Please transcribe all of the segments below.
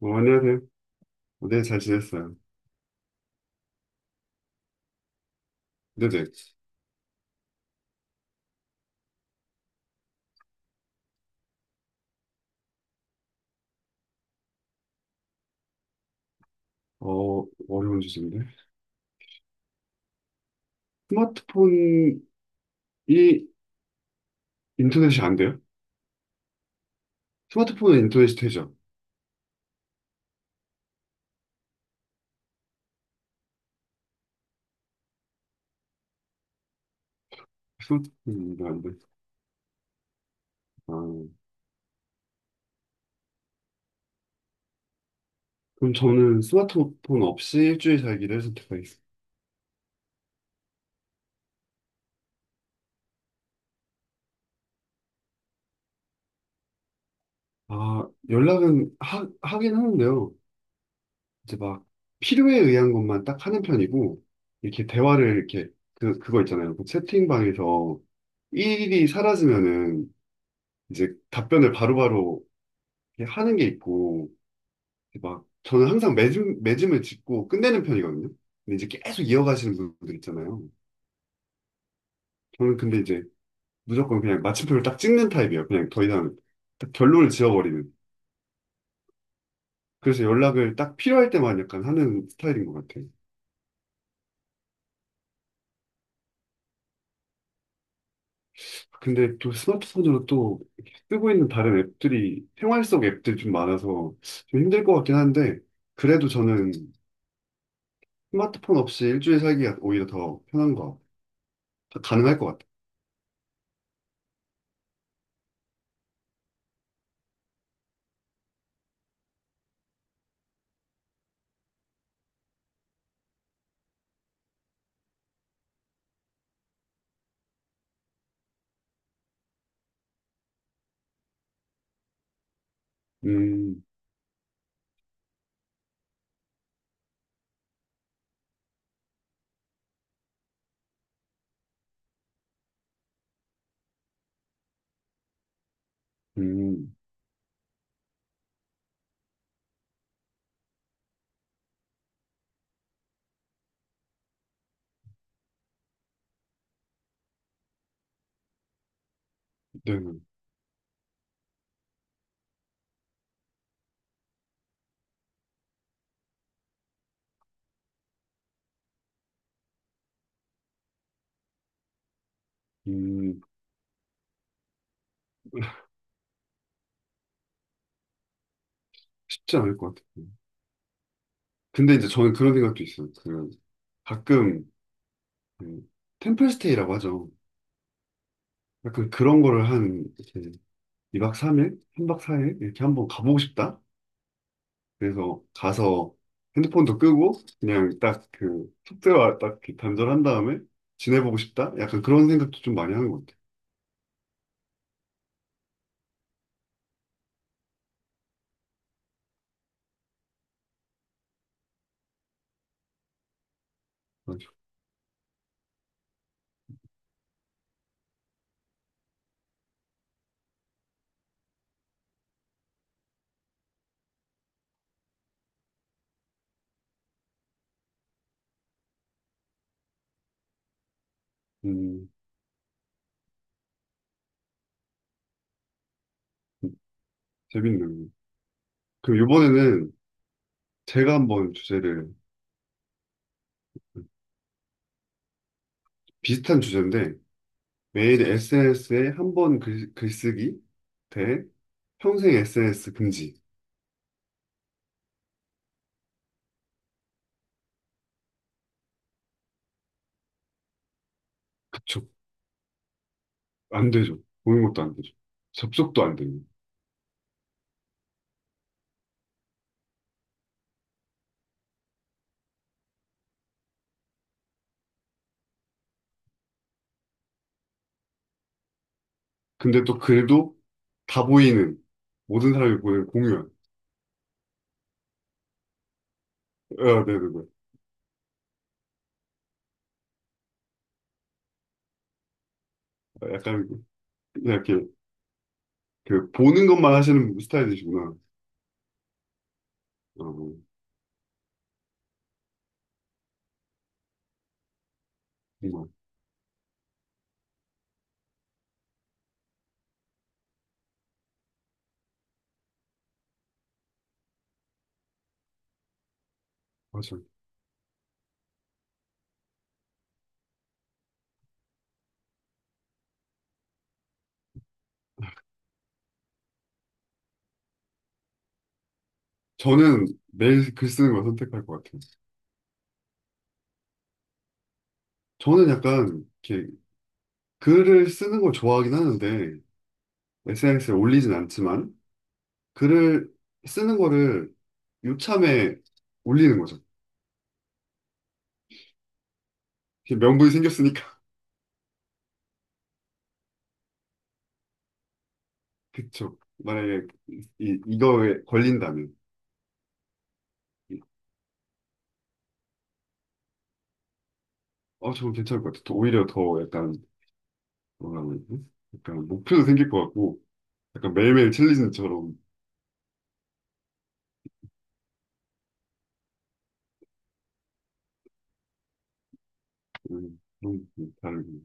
어, 안녕하세요. 어, 네, 잘 지냈어요. 네네. 어, 어려운 주제인데. 스마트폰이 인터넷이 안 돼요? 스마트폰은 인터넷이 되죠? 스마트폰이 안 돼. 아, 그럼 저는 스마트폰 없이 일주일 살기를 선택하겠습니다. 아, 연락은 하긴 하는데요. 이제 막 필요에 의한 것만 딱 하는 편이고, 이렇게 대화를 이렇게, 그거 있잖아요. 그 채팅방에서 일이 사라지면은 이제 답변을 바로바로 이렇게 하는 게 있고, 막 저는 항상 매짐을 짚고 끝내는 편이거든요. 근데 이제 계속 이어가시는 분들 있잖아요. 저는 근데 이제 무조건 그냥 마침표를 딱 찍는 타입이에요. 그냥 더 이상 딱 결론을 지어버리는. 그래서 연락을 딱 필요할 때만 약간 하는 스타일인 것 같아요. 근데 또 스마트폰으로 또 이렇게 쓰고 있는 다른 앱들이 생활 속 앱들이 좀 많아서 좀 힘들 것 같긴 한데 그래도 저는 스마트폰 없이 일주일 살기가 오히려 더 편한 거 가능할 것 같아요. 음, 음, 네. 음. 쉽지 않을 것 같아요. 근데 이제 저는 그런 생각도 있어요. 그 가끔 그 템플스테이라고 하죠. 약간 그런 거를 한 이렇게 2박 3일, 3박 4일 이렇게 한번 가보고 싶다. 그래서 가서 핸드폰도 끄고 그냥 딱 그 숙제와 딱 이렇게 단절한 다음에 지내보고 싶다. 약간 그런 생각도 좀 많이 하는 것 같아요. 맞아. 음, 재밌네요. 그럼 이번에는 제가 한번 주제를 비슷한 주제인데 매일 SNS에 한 번 글쓰기 대 평생 SNS 금지. 그쵸. 안 되죠. 보는 것도 안 되죠. 접속도 안 되고. 근데 또 글도 다 보이는 모든 사람이 보는 공유한. 아, 네, 네, 네. 아, 약간 그냥 이렇게 그 보는 것만 하시는 스타일이시구나. 어, 정말 맞아요. 저는 매일 글 쓰는 걸 선택할 것 같아요. 저는 약간 이렇게 글을 쓰는 걸 좋아하긴 하는데 SNS에 올리진 않지만 글을 쓰는 거를 요참에 올리는 거죠. 이게 명분이 생겼으니까. 그쵸. 만약에 이거에 걸린다면. 어, 저건 괜찮을 것 같아. 더- 오히려 더 약간, 뭐라 그러지? 약간 목표도 생길 것 같고, 약간 매일매일 챌린지처럼, 그런 게 다르고.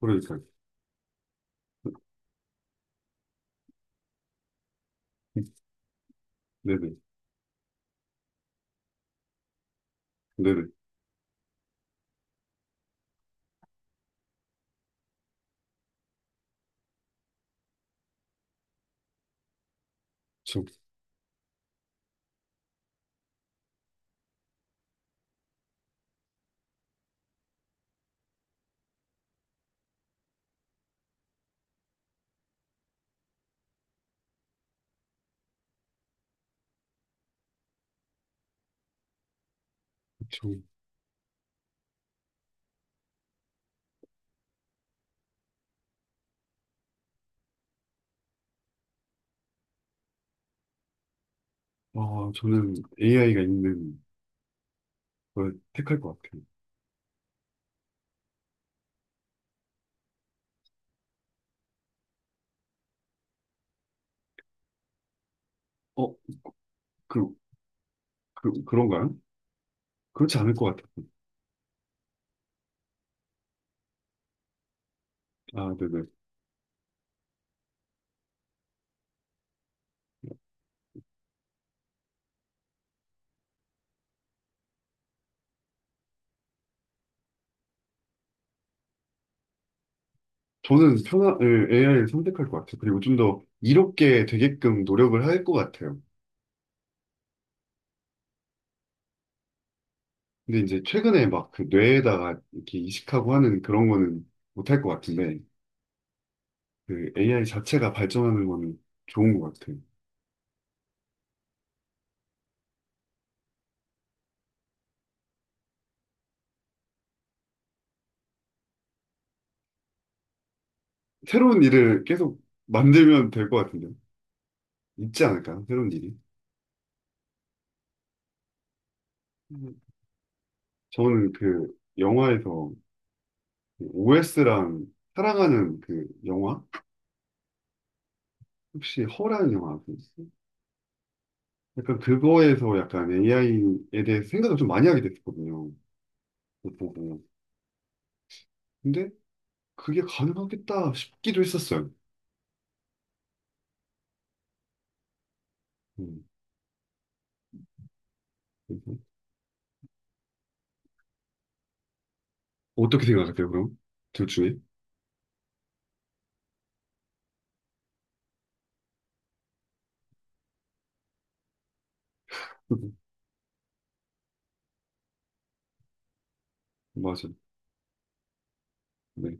그러니까. 네네. 네네. 저, 저, 아, 저는 AI가 있는 걸 택할 것 같아요. 어, 그, 그런가요? 그렇지 않을 것 같아요. 아, 네네. 저는 편한, 예, AI를 선택할 것 같아요. 그리고 좀 더 이롭게 되게끔 노력을 할 것 같아요. 근데 이제 최근에 막 그 뇌에다가 이렇게 이식하고 하는 그런 거는 못 할 것 같은데, 그 AI 자체가 발전하는 거는 좋은 것 같아요. 새로운 일을 계속 만들면 될 것 같은데, 있지 않을까요? 새로운 일이. 음. 저는 그 영화에서 OS랑 사랑하는 그 영화? 혹시 허라는 영화 아세요? 약간 그거에서 약간 AI에 대해서 생각을 좀 많이 하게 됐거든요. 못 보고. 근데 그게 가능하겠다 싶기도 했었어요. 음. 음. 어떻게 생각하세요, 그럼? 둘 중에? 음. 맞아. 네.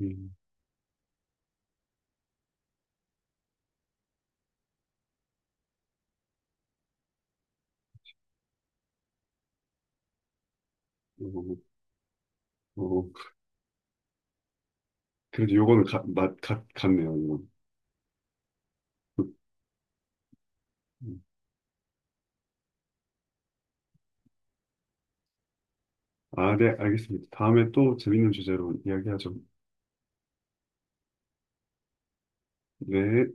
음. 어, 어. 어. 그래도 요거는 같네요, 이건. 음. 아, 네, 알겠습니다. 다음에 또 재밌는 주제로 이야기하죠. 네.